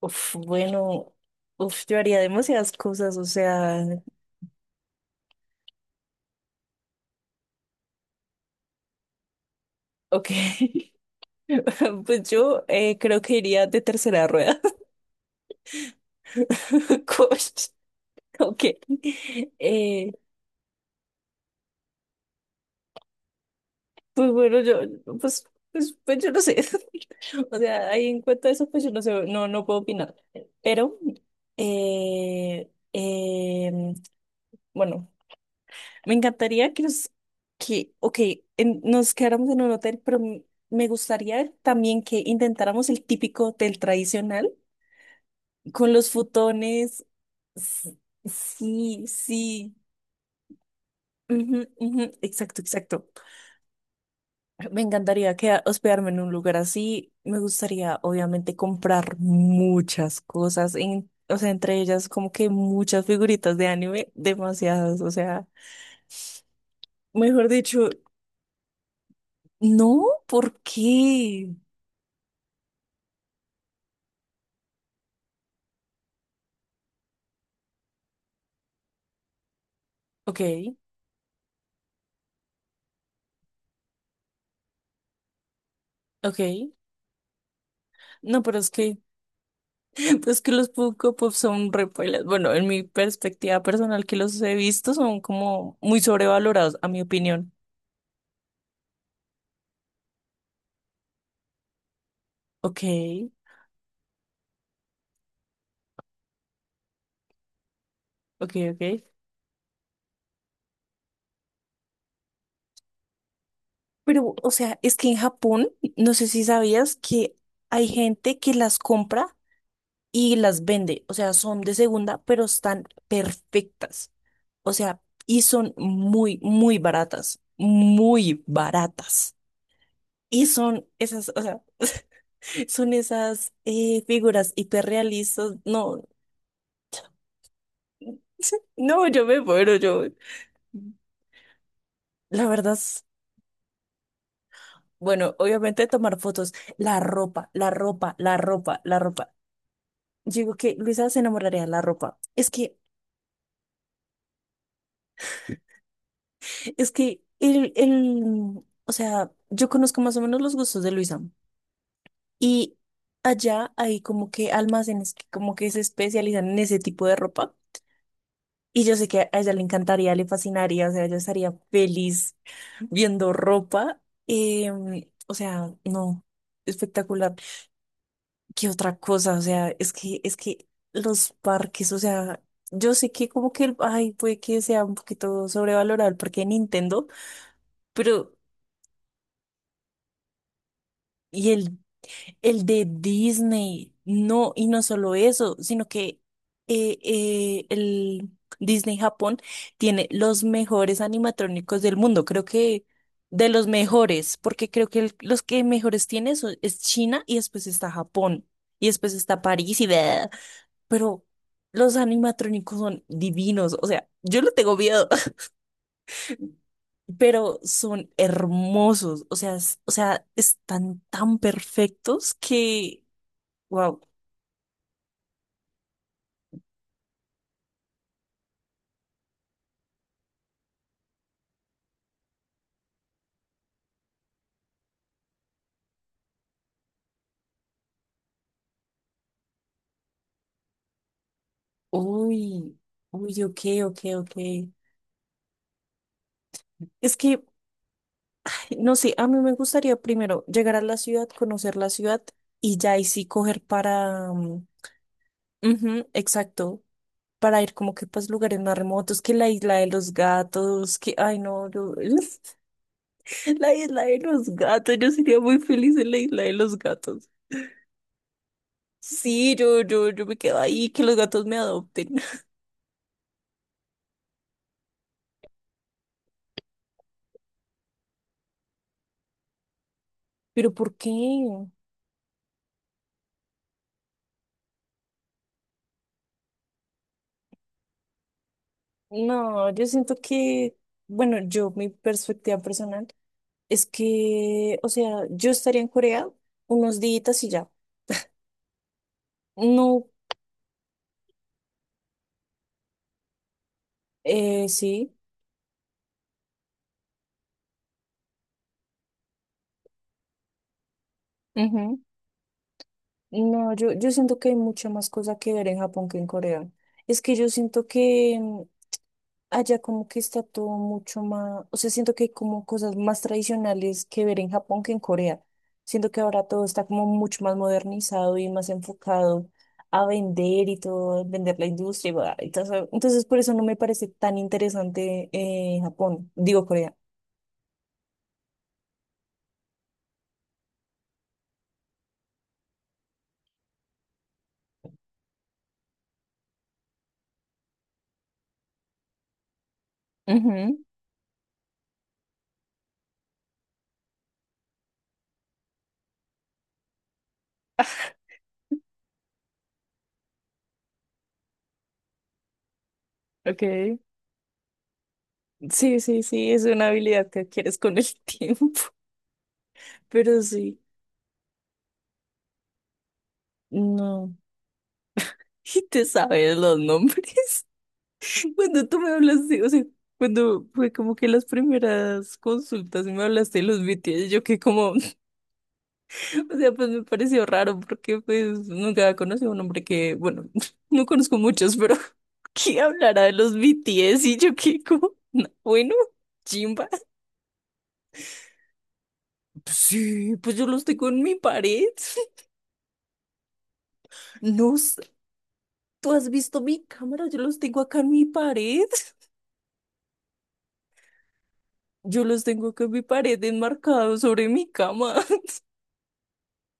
Uf, bueno, yo haría demasiadas cosas, o sea, ok. Pues yo creo que iría de tercera rueda. Coach, ok. Eh, pues bueno, yo, pues, pues yo no sé. O sea, ahí en cuanto a eso, pues yo no sé, no, no puedo opinar. Pero, eh, eh, bueno. Me encantaría ok, nos quedáramos en un hotel, pero me gustaría también que intentáramos el típico hotel tradicional con los futones. S- Sí, sí. Ujú, ujú, exacto, exacto. Me encantaría hospedarme en un lugar así. Me gustaría, obviamente, comprar muchas cosas, o sea, entre ellas como que muchas figuritas de anime, demasiadas, o sea, mejor dicho, no, ¿por qué? Ok. Ok, no, pero es que, es que los Funko Pop son re pailas. Bueno, en mi perspectiva personal que los he visto son como muy sobrevalorados, a mi opinión. Ok, ok, ok. Pero, o sea, es que en Japón, no sé si sabías que hay gente que las compra y las vende. O sea, son de segunda, pero están perfectas. O sea, y son muy, muy baratas, muy baratas. Y son esas, o sea. Son esas figuras hiperrealistas. No, no, yo me muero, yo. La verdad es, bueno, obviamente tomar fotos, la ropa, la ropa, la ropa, la ropa. Digo que Luisa se enamoraría de la ropa. Es que o sea, yo conozco más o menos los gustos de Luisa y allá hay como que almacenes que como que se especializan en ese tipo de ropa y yo sé que a ella le encantaría, le fascinaría, o sea, ella estaría feliz viendo ropa. O sea, no, espectacular. ¿Qué otra cosa? O sea, es que los parques, o sea, yo sé que como que el, ay, puede que sea un poquito sobrevalorado el parque de Nintendo, pero, ¿y el de Disney? No, y no solo eso, sino que el Disney Japón tiene los mejores animatrónicos del mundo, creo que de los mejores, porque creo que los que mejores tiene es China y después está Japón y después está París y bla, pero los animatrónicos son divinos, o sea, yo lo tengo miedo, pero son hermosos, o sea, o sea, están tan perfectos que... Wow. Uy, uy, ok, ok, ok. Es que, no sé, a mí me gustaría primero llegar a la ciudad, conocer la ciudad y ya ahí sí coger para... mm, ujú, exacto, para ir como que pues lugares más remotos, que la isla de los gatos, que, ay no, la isla de los gatos, yo sería muy feliz en la isla de los gatos. Sí, yo me quedo ahí, que los gatos me adopten. Pero ¿por qué? No, yo siento que, bueno, yo, mi perspectiva personal es que, o sea, yo estaría en Corea unos días y ya. No, sí. Ujú. No, yo siento que hay mucha más cosa que ver en Japón que en Corea. Es que yo siento que, allá como que está todo mucho más, o sea, siento que hay como cosas más tradicionales que ver en Japón que en Corea. Siento que ahora todo está como mucho más modernizado y más enfocado a vender y todo, vender la industria y bla, y todo eso. Entonces, por eso no me parece tan interesante Japón, digo Corea. Ujú, ok. Sí, sí, sí, es una habilidad que adquieres con el tiempo, pero sí, no. Y te sabes los nombres. Cuando tú me hablaste, o sea, cuando fue como que las primeras consultas y me hablaste de los BTS, yo que como, o sea, pues me pareció raro porque pues nunca conocí a un hombre que, bueno, no conozco muchos, pero que hablara de los BTS y yo que como, "No, bueno, chimba. Sí, pues yo los tengo en mi pared. No, sé, tú has visto mi cámara, yo los tengo acá en mi pared. Yo los tengo acá en mi pared enmarcados sobre mi cama.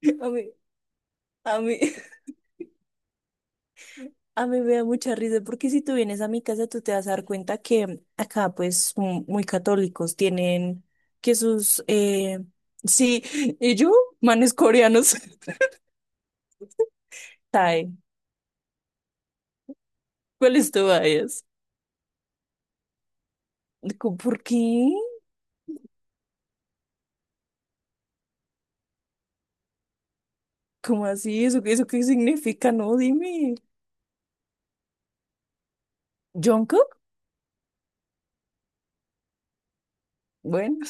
A mí, a mí. A mí me da mucha risa porque si tú vienes a mi casa, tú te vas a dar cuenta que acá, pues, muy católicos tienen que sus, sí, y yo, manes coreanos. Tae, ¿cuáles tú vayas? Digo, ¿por qué? ¿Cómo así? ¿Eso, eso qué significa? No, dime. ¿Jungkook? Bueno,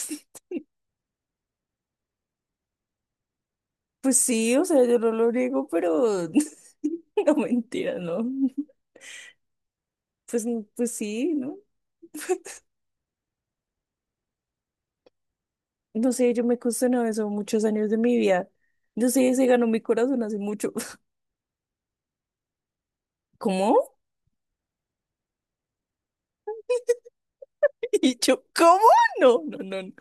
pues sí, o sea, yo no lo niego, pero no mentira, ¿no? Pues, pues sí, ¿no? No sé, yo me cuestionaba eso muchos años de mi vida. Yo sé, se ganó mi corazón hace mucho. ¿Cómo? Y yo, ¿cómo? No.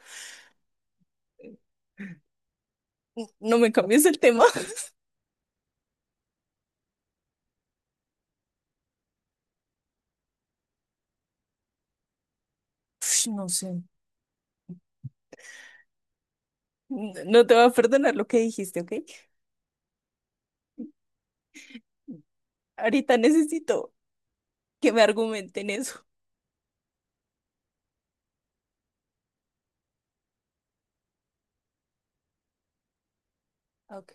No me cambies el tema. Ush, no sé. No te voy a perdonar lo que dijiste, ¿ok? Ahorita necesito que me argumenten eso. Ok,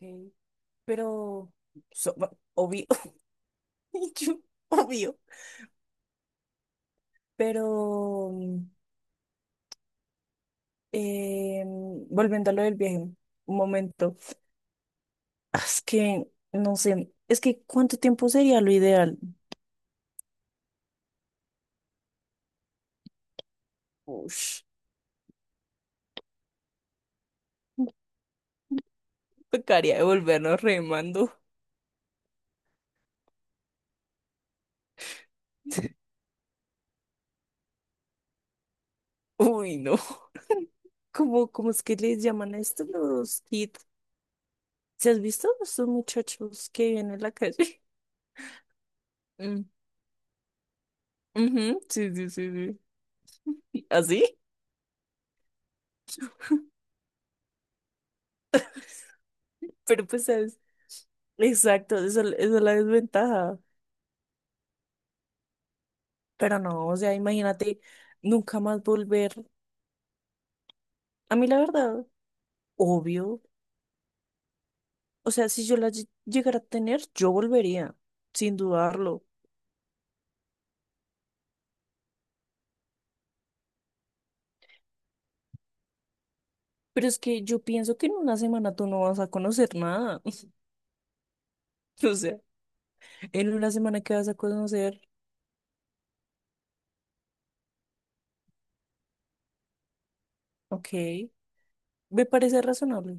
pero so- obvio. Y yo, obvio. Pero eh, volviendo a lo del viaje, un momento. Ah, es que no sé, es que ¿cuánto tiempo sería lo ideal? Ush, tocaría devolvernos remando. Uy, no. ¿Cómo, cómo es que les llaman a estos los kids? ¿Se has visto estos muchachos que vienen en la calle? Mm, ujú, sí, sí, sí, sí. ¿Así? Pero pues, ¿sabes? Exacto, esa es la desventaja. Pero no, o sea, imagínate nunca más volver. A mí la verdad, obvio. O sea, si yo la llegara a tener, yo volvería, sin dudarlo. Pero es que yo pienso que en una semana tú no vas a conocer nada. O sea, en una semana que vas a conocer, ok, me parece razonable.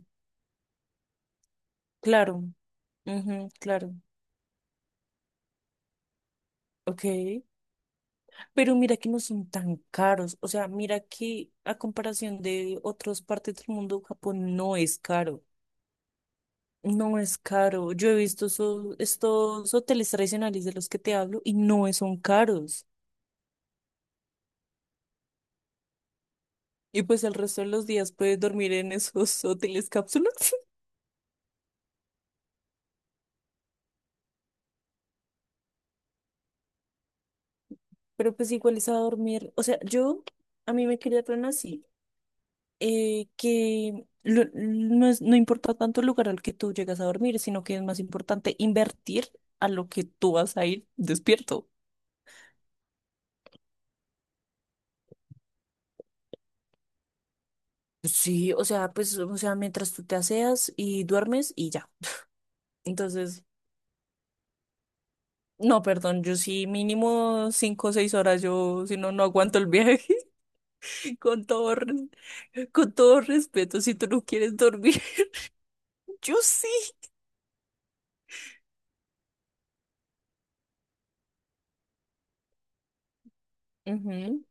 Claro, ujú, claro, ok. Pero mira que no son tan caros. O sea, mira que a comparación de otras partes del mundo, Japón no es caro. No es caro. Yo he visto estos hoteles tradicionales de los que te hablo y no son caros. Y pues el resto de los días puedes dormir en esos hoteles cápsulas. Pero pues igual es a dormir. O sea, yo, a mí me criaron así. Que lo- no es- no importa tanto el lugar al que tú llegas a dormir, sino que es más importante invertir a lo que tú vas a ir despierto. Sí, o sea, pues, o sea, mientras tú te aseas y duermes y ya. Entonces, no, perdón, yo sí mínimo 5 o 6 horas, yo si no, no aguanto el viaje, con todo, con todo respeto, si tú no quieres dormir, yo sí. Ujú,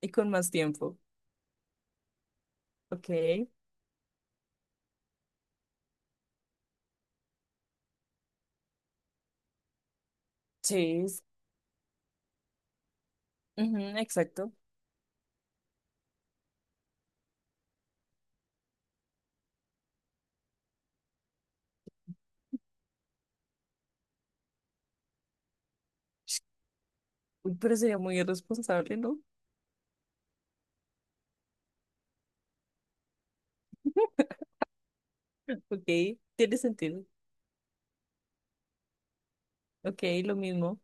y con más tiempo. Ok, seis, ujú, exacto. Uy, pero sería muy irresponsable, ¿no? Ok, tiene sentido. Ok, lo mismo.